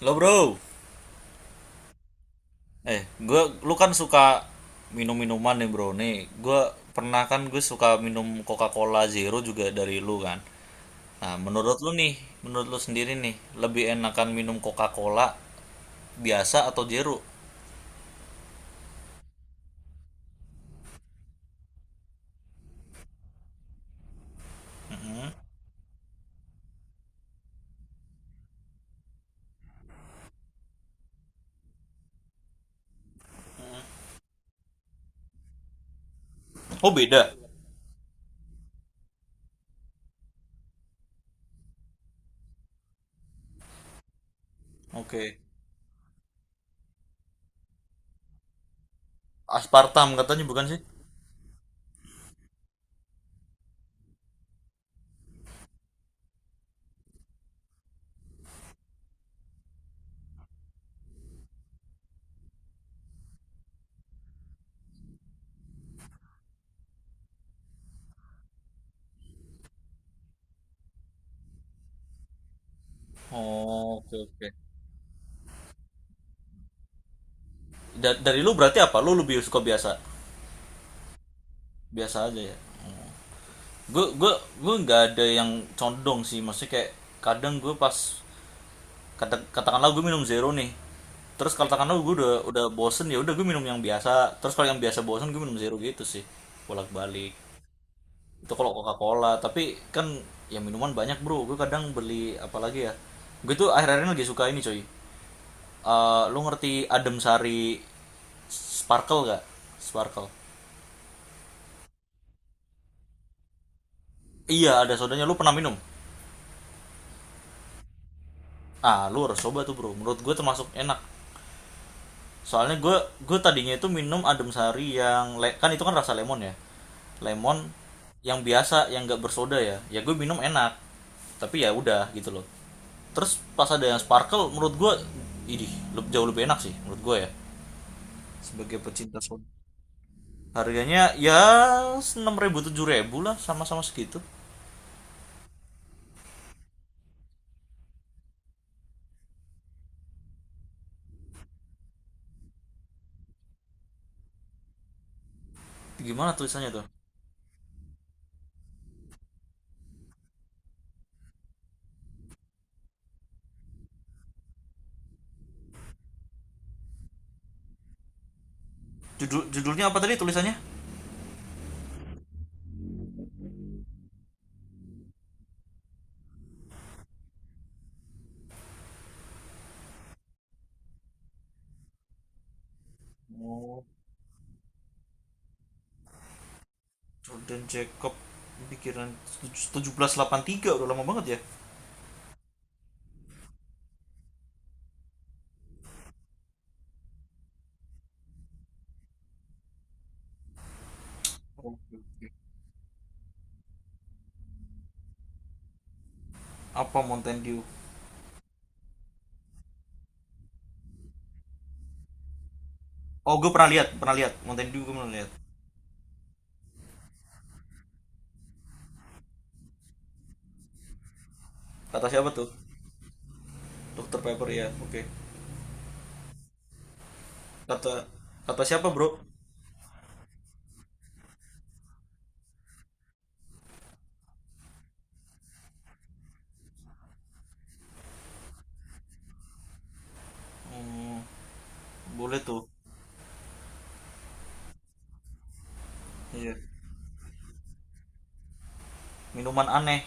Lo bro, eh gua lu kan suka minum minuman nih bro nih. Gua pernah kan gue suka minum Coca-Cola Zero juga dari lu kan. Nah, menurut lu sendiri nih, lebih enakan minum Coca-Cola biasa atau Zero? Oh, beda. Oke. Aspartam katanya bukan sih? Oh, oke, oke. Dari lu berarti apa? Lu lebih suka biasa? Biasa aja ya. gue gue gue nggak ada yang condong sih, maksudnya kayak kadang gue pas katakanlah gue minum zero nih, terus katakanlah gue udah bosen, ya udah gue minum yang biasa, terus kalau yang biasa bosen gue minum zero gitu sih, bolak-balik. Itu kalau Coca-Cola, tapi kan ya minuman banyak bro, gue kadang beli. Apalagi ya, gue tuh akhir-akhir ini lagi suka ini coy. Lu ngerti Adem Sari Sparkle gak? Sparkle. Iya, ada sodanya. Lu pernah minum? Ah, lu harus coba tuh bro. Menurut gue termasuk enak. Soalnya gue tadinya itu minum adem sari yang kan itu kan rasa lemon, yang biasa, yang nggak bersoda ya, ya gue minum enak, tapi ya udah gitu loh. Terus pas ada yang sparkle, menurut gue ini jauh lebih enak sih, menurut gue ya, sebagai pecinta soda. Harganya ya 6.000 7.000 lah, sama-sama segitu. Gimana tulisannya tuh? Judulnya apa tadi, tulisannya? Oh, Jordan Jacob, pikiran tujuh belas delapan tiga. Udah lama banget ya. Apa Mountain Dew? Oh, gue pernah lihat, pernah lihat Mountain Dew, gue pernah lihat. Kata siapa tuh? Dokter Pepper ya, oke. Okay. kata kata siapa bro? Hmm, boleh tuh. Iya, minuman aneh.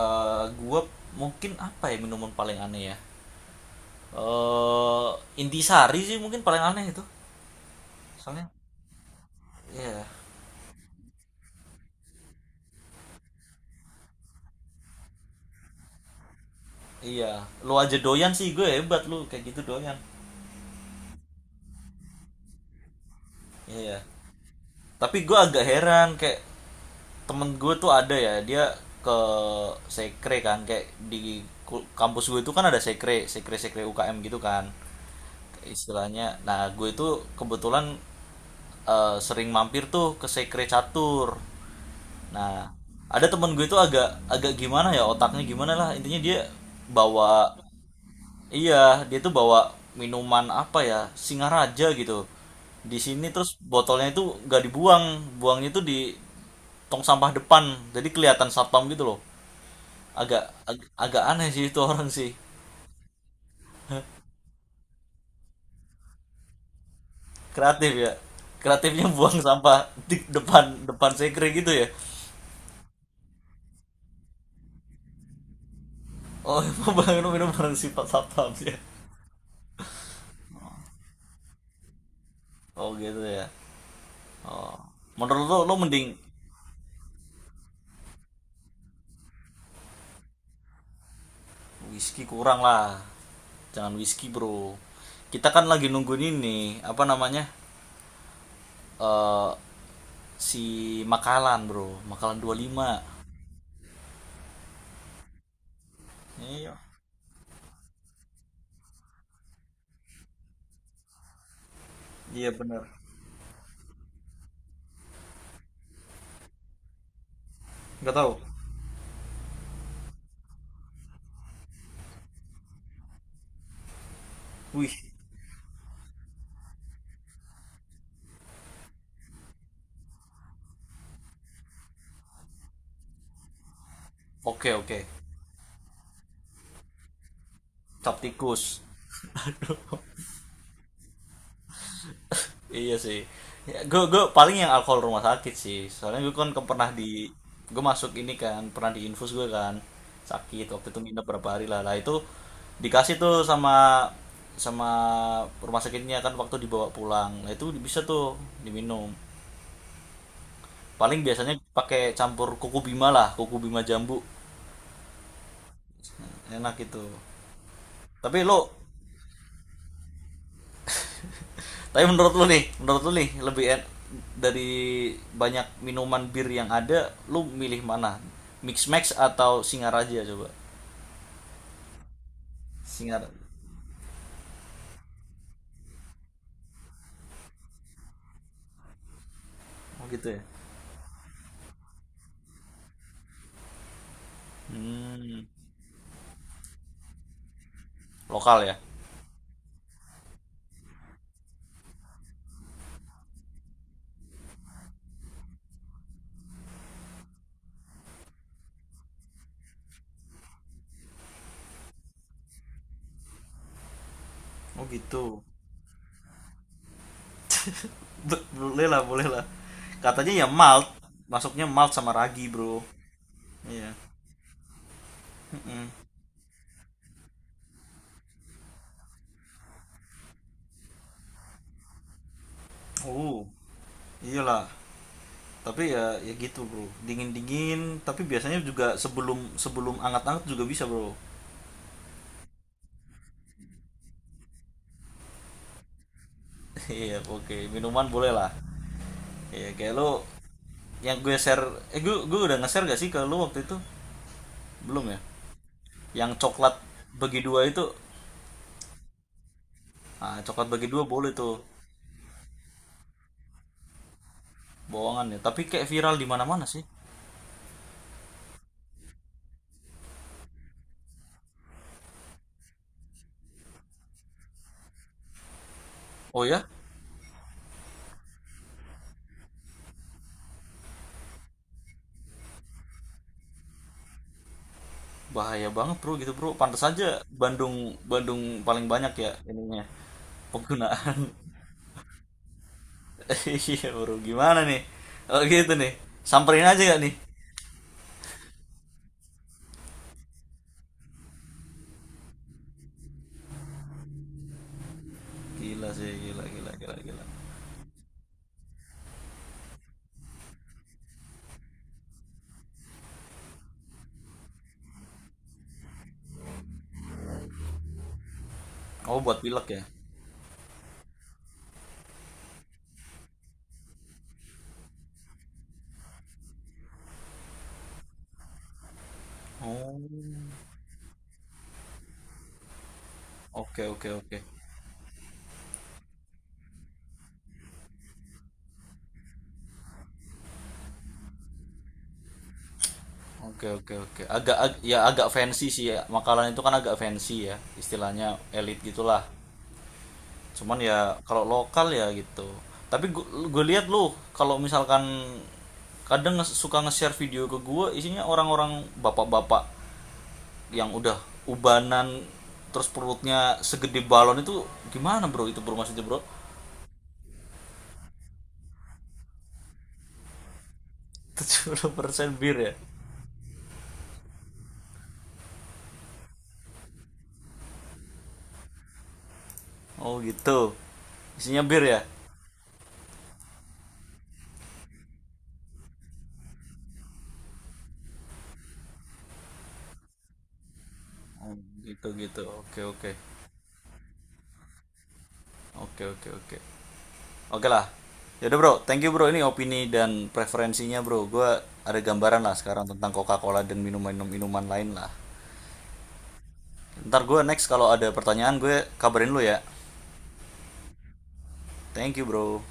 Gue mungkin apa ya, minuman paling aneh ya, eh intisari sih mungkin paling aneh itu. Soalnya iya, yeah. Iya, yeah. Lu aja doyan sih, gue hebat lu kayak gitu doyan. Iya, yeah. Tapi gue agak heran kayak temen gue tuh ada ya, dia ke sekre, kan kayak di kampus gue itu kan ada sekre sekre sekre UKM gitu kan istilahnya. Nah, gue itu kebetulan sering mampir tuh ke sekre catur. Nah, ada temen gue itu agak agak gimana ya otaknya, gimana lah, intinya dia bawa. Iya, dia tuh bawa minuman apa ya, Singaraja gitu. Di sini terus botolnya itu nggak dibuang, buangnya itu di tong sampah depan. Jadi kelihatan satpam gitu loh. Agak agak aneh sih itu orang sih. Kreatif ya. Kreatifnya buang sampah di depan depan sekre gitu ya. Oh, emang bang minum bareng sifat satpam ya. Oh gitu ya. Oh. Menurut lo, lo mending. Whisky kurang lah. Jangan whisky, Bro. Kita kan lagi nungguin ini, apa namanya? Eh si Makalan, Bro. Makalan 25. Iya. Iya bener. Nggak tahu. Wih. Oke, oke. Cap tikus. Iya sih. Ya, gue paling yang alkohol rumah sakit sih. Soalnya gue kan pernah di gue masuk ini kan pernah di infus gue kan sakit waktu itu, nginep berapa hari lah. Lah itu dikasih tuh sama sama rumah sakitnya kan waktu dibawa pulang. Nah, itu bisa tuh diminum. Paling biasanya pakai campur kuku bima lah, kuku bima jambu. Enak itu. Tapi lo. Tapi menurut lu nih, dari banyak minuman bir yang ada, lu milih mana? Mix Max atau Singaraja coba? Singar. Oh gitu ya. Hmm, lokal ya. Oh gitu. Boleh lah, boleh lah. Katanya ya malt, masuknya malt sama ragi, Bro. Iya. Mm-mm. Oh, iyalah. Tapi ya, ya gitu, Bro. Dingin-dingin, tapi biasanya juga sebelum sebelum anget-anget juga bisa, Bro. Iya, oke. Minuman boleh lah. Iya kayak lu yang gue share, gue udah nge-share gak sih ke lu waktu itu? Belum ya? Yang coklat bagi dua itu. Ah, coklat bagi dua boleh tuh. Bohongan ya, tapi kayak viral di mana-mana sih. Oh ya? Bahaya banget, Bro, gitu, Bro. Pantas aja Bandung Bandung paling banyak ya ininya, penggunaan. Iya, Bro. Gimana nih? Oh gitu nih. Samperin aja gak nih? Gila sih, gila gila gila gila. Oh, buat pilek ya. Oh. Oke, oke, oke. Oke, oke, oke. Ya agak fancy sih ya. Makanan itu kan agak fancy ya. Istilahnya elit gitulah. Cuman ya kalau lokal ya gitu. Tapi gue lihat lu kalau misalkan kadang suka nge-share video ke gue isinya orang-orang bapak-bapak yang udah ubanan, terus perutnya segede balon itu, gimana bro itu bro maksudnya bro? 70% bir ya. Oh gitu, isinya bir ya. Oh, gitu gitu, oke oke oke oke oke. Oke lah. Yaudah bro, thank you bro. Ini opini dan preferensinya bro. Gue ada gambaran lah sekarang tentang Coca-Cola dan minuman-minuman lain lah. Ntar gue next kalau ada pertanyaan gue kabarin lu ya. Thank you bro.